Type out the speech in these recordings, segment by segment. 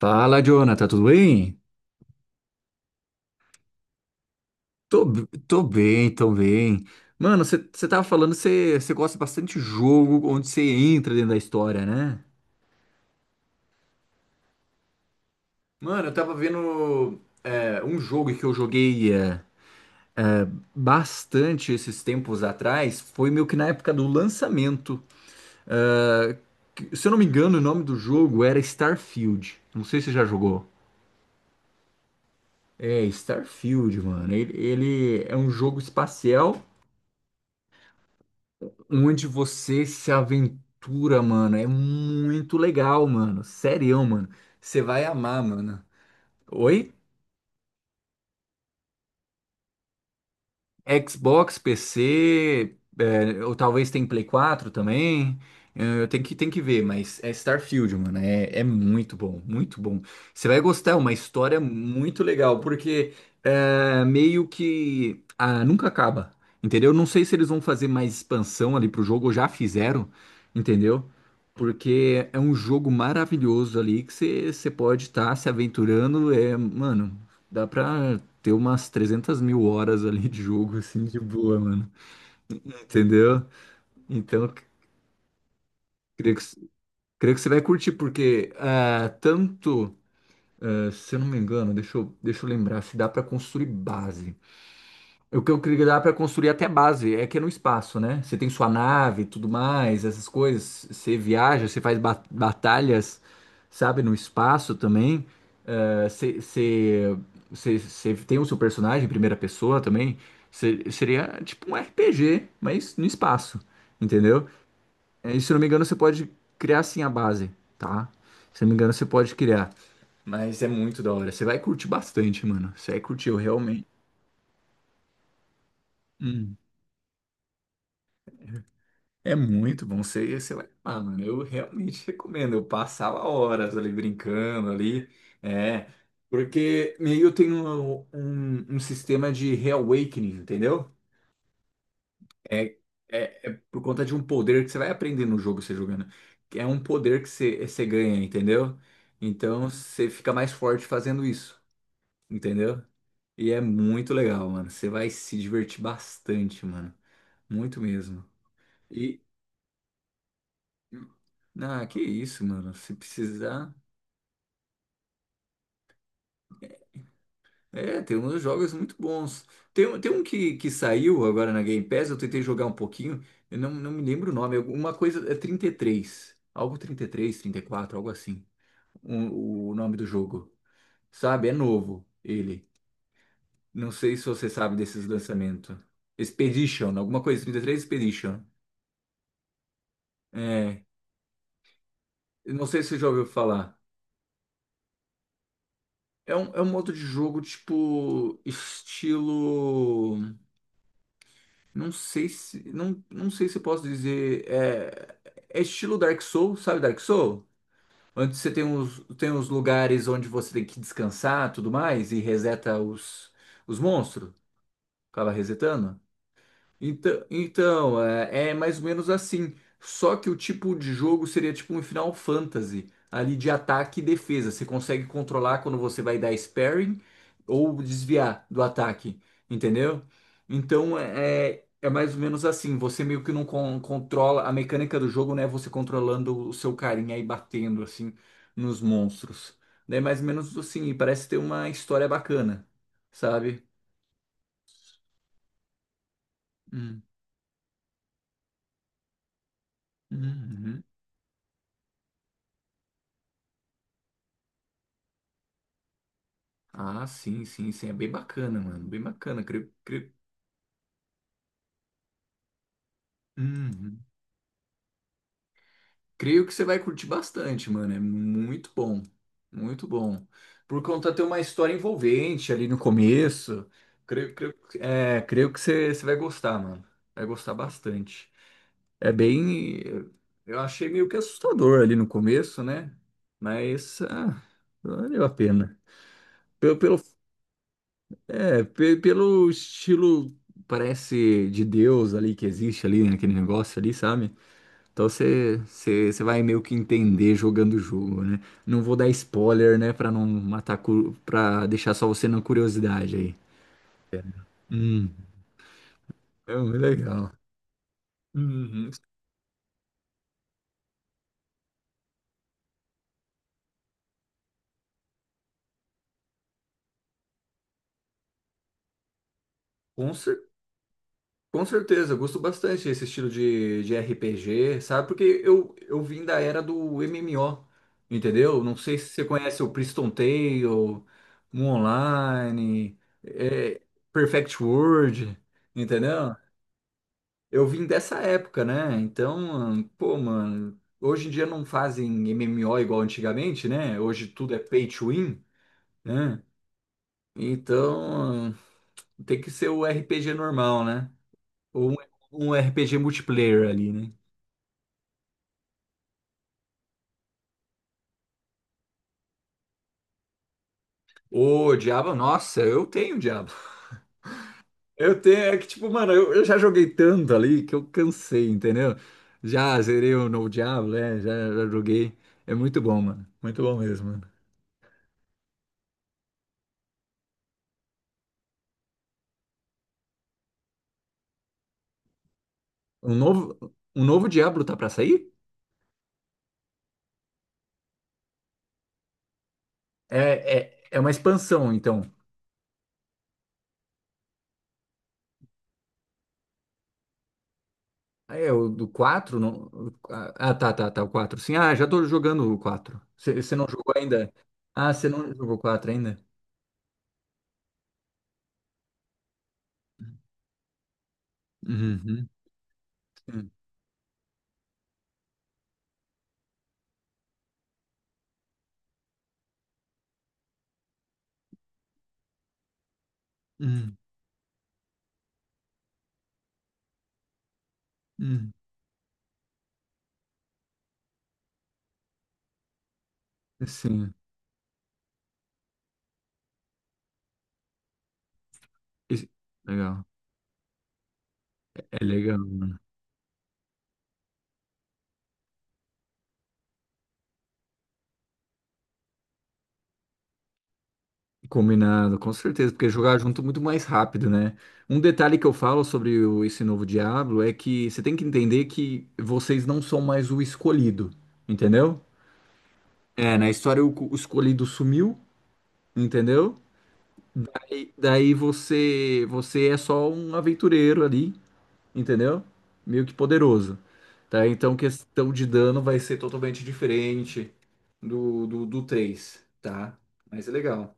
Fala, Jonathan, tudo bem? Tô bem, tô bem. Mano, você tava falando que você gosta bastante de jogo onde você entra dentro da história, né? Mano, eu tava vendo um jogo que eu joguei bastante esses tempos atrás. Foi meio que na época do lançamento. É, Se eu não me engano, o nome do jogo era Starfield. Não sei se você já jogou. É, Starfield, mano. Ele é um jogo espacial onde você se aventura, mano. É muito legal, mano. Sério, mano. Você vai amar, mano. Oi? Xbox, PC, é, ou talvez tem Play 4 também. É, eu tenho que ver, mas é Starfield, mano. É muito bom, muito bom. Você vai gostar, é uma história muito legal, porque é, meio que ah, nunca acaba, entendeu? Não sei se eles vão fazer mais expansão ali pro jogo, ou já fizeram, entendeu? Porque é um jogo maravilhoso ali que você pode estar se aventurando. É, mano, dá pra ter umas 300 mil horas ali de jogo, assim, de boa, mano. Entendeu? Então, c- Creio creio que você vai curtir, porque ah, tanto, ah, se eu não me engano, deixa eu lembrar, se dá pra construir base. O que eu queria dar para construir até base é que é no espaço, né? Você tem sua nave, e tudo mais, essas coisas. Você viaja, você faz batalhas, sabe, no espaço também. Você você tem o seu personagem em primeira pessoa também. Seria tipo um RPG, mas no espaço, entendeu? E se não me engano, você pode criar assim a base, tá? Se não me engano, você pode criar. Mas é muito da hora. Você vai curtir bastante, mano. Você vai curtir, eu realmente. Hum. É muito bom você, você vai lá, mano. Eu realmente recomendo. Eu passava horas ali brincando ali. É, porque meio eu tenho um sistema de reawakening, entendeu? É, é por conta de um poder que você vai aprender no jogo você jogando. Que É um poder que você ganha, entendeu? Então você fica mais forte fazendo isso, entendeu? E é muito legal, mano. Você vai se divertir bastante, mano. Muito mesmo. Ah, que isso, mano. Se precisar. É, tem uns jogos muito bons. Tem um que saiu agora na Game Pass, eu tentei jogar um pouquinho, eu não, não me lembro o nome. Uma coisa é trinta e três. Algo trinta, trinta e três, trinta e quatro, algo assim. O nome do jogo. Sabe? É novo ele. Não sei se você sabe desses lançamentos. Expedition, alguma coisa. Trinta e três Expedition. É. eu Não sei se você já ouviu falar. É um modo de jogo tipo estilo. Não sei se, não, não sei se eu posso dizer. É, é estilo Dark Soul, sabe Dark Soul? Onde você tem os lugares onde você tem que descansar, tudo mais, e os monstros. Acaba resetando. Então é, é mais ou menos assim. Só que o tipo de jogo seria tipo um Final Fantasy, ali de ataque e defesa. Você consegue controlar quando você vai dar sparring ou desviar do ataque, entendeu? Então é é mais ou menos assim. Você meio que não controla a mecânica do jogo, né? é Você controlando o seu carinha e batendo assim nos monstros. É mais ou menos assim. E parece ter uma história bacana, sabe? Hum. Uhum. Ah, sim, sim, sim. É bem bacana, mano. Bem bacana. Creio, creio... Uhum. Creio que você vai curtir bastante, mano. É muito bom. Muito bom. Por conta ter uma história envolvente ali no começo. Creio, creio, creio que você vai gostar, mano. Vai gostar bastante. É bem. Eu achei meio que assustador ali no começo, né? Mas ah, valeu a pena. Pelo, É, pelo estilo, parece de Deus ali que existe ali, né, naquele negócio ali, sabe? Então você vai meio que entender jogando o jogo, né? Não vou dar spoiler, né, pra não matar, pra deixar só você na curiosidade aí. É. Hum, é muito legal. Uhum. Com certeza. Com certeza, eu gosto bastante desse estilo de RPG, sabe? Porque eu vim da era do MMO, entendeu? Não sei se você conhece o Priston Tale, Moon Online, é, Perfect World, entendeu? Eu vim dessa época, né? Então, pô, mano, hoje em dia não fazem MMO igual antigamente, né? Hoje tudo é pay to win, né? Então, tem que ser o RPG normal, né? Ou um RPG multiplayer ali, né? Ô, diabo, nossa, eu tenho diabo. Eu tenho, é que tipo, mano, eu já joguei tanto ali que eu cansei, entendeu? Já zerei o novo Diablo, né? Já joguei. É muito bom, mano. Muito bom mesmo, mano. Um novo Diablo tá pra sair? É, é uma expansão, então. Ah, é, o do quatro, não... tá, o 4. Sim, ah, já tô jogando o 4. Você não jogou ainda? Ah, você não jogou o 4 ainda? Uhum, sim. Uhum, uhum, sim. Isso- Legal. É legal. Combinado, com certeza, porque jogar junto é muito mais rápido, né? Um detalhe que eu falo sobre esse novo Diablo é que você tem que entender que vocês não são mais o escolhido, entendeu? É, na história o escolhido sumiu, entendeu? E daí você é só um aventureiro ali, entendeu? Meio que poderoso, tá? Então questão de dano vai ser totalmente diferente do 3, tá? Mas é legal.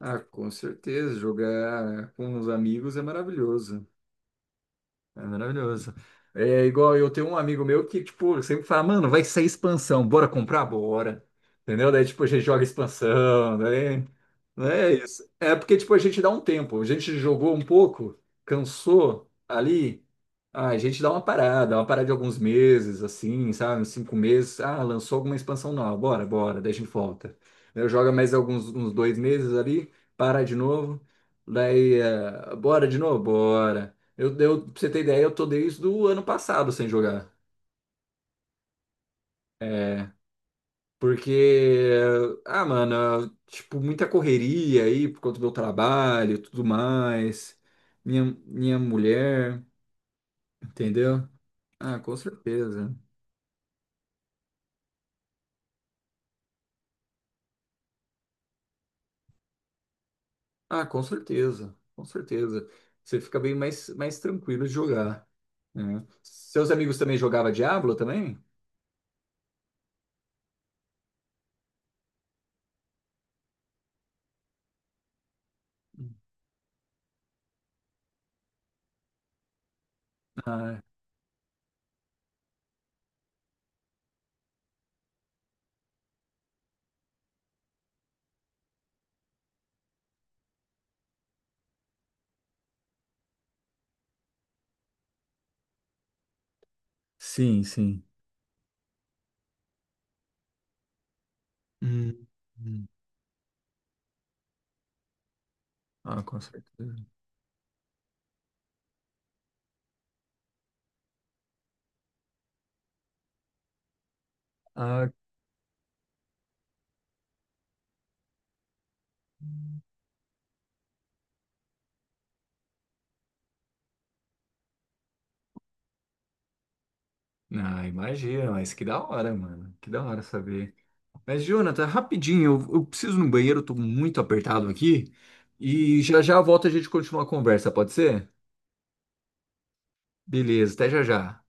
Ah, com certeza, jogar com os amigos é maravilhoso. É maravilhoso. É igual eu tenho um amigo meu que, tipo, sempre fala, mano, vai sair expansão, bora comprar? Bora. Entendeu? Daí, tipo, a gente joga expansão, daí. Não é isso. É porque, tipo, a gente dá um tempo. A gente jogou um pouco, cansou ali. Ah, a gente dá uma parada de alguns meses, assim, sabe? Uns 5 meses. Ah, lançou alguma expansão nova, bora, bora, daí a gente volta. Eu joga mais alguns uns 2 meses ali, para de novo. Daí, bora de novo? Bora. Pra você ter ideia, eu tô desde o ano passado sem jogar. É, porque, ah, mano, tipo, muita correria aí por conta do meu trabalho e tudo mais. Minha mulher, entendeu? Ah, com certeza. Com certeza. Você fica bem mais tranquilo de jogar, né? Seus amigos também jogavam Diablo também? Ah, Sim, sim. Hum, hum. Ah, com certeza. Ah. Ah, imagina, mas que da hora, mano. Que da hora saber. Mas, Jonathan, é rapidinho, eu preciso ir no banheiro, eu tô muito apertado aqui. E já já volta a gente continuar a conversa, pode ser? Beleza, até já já.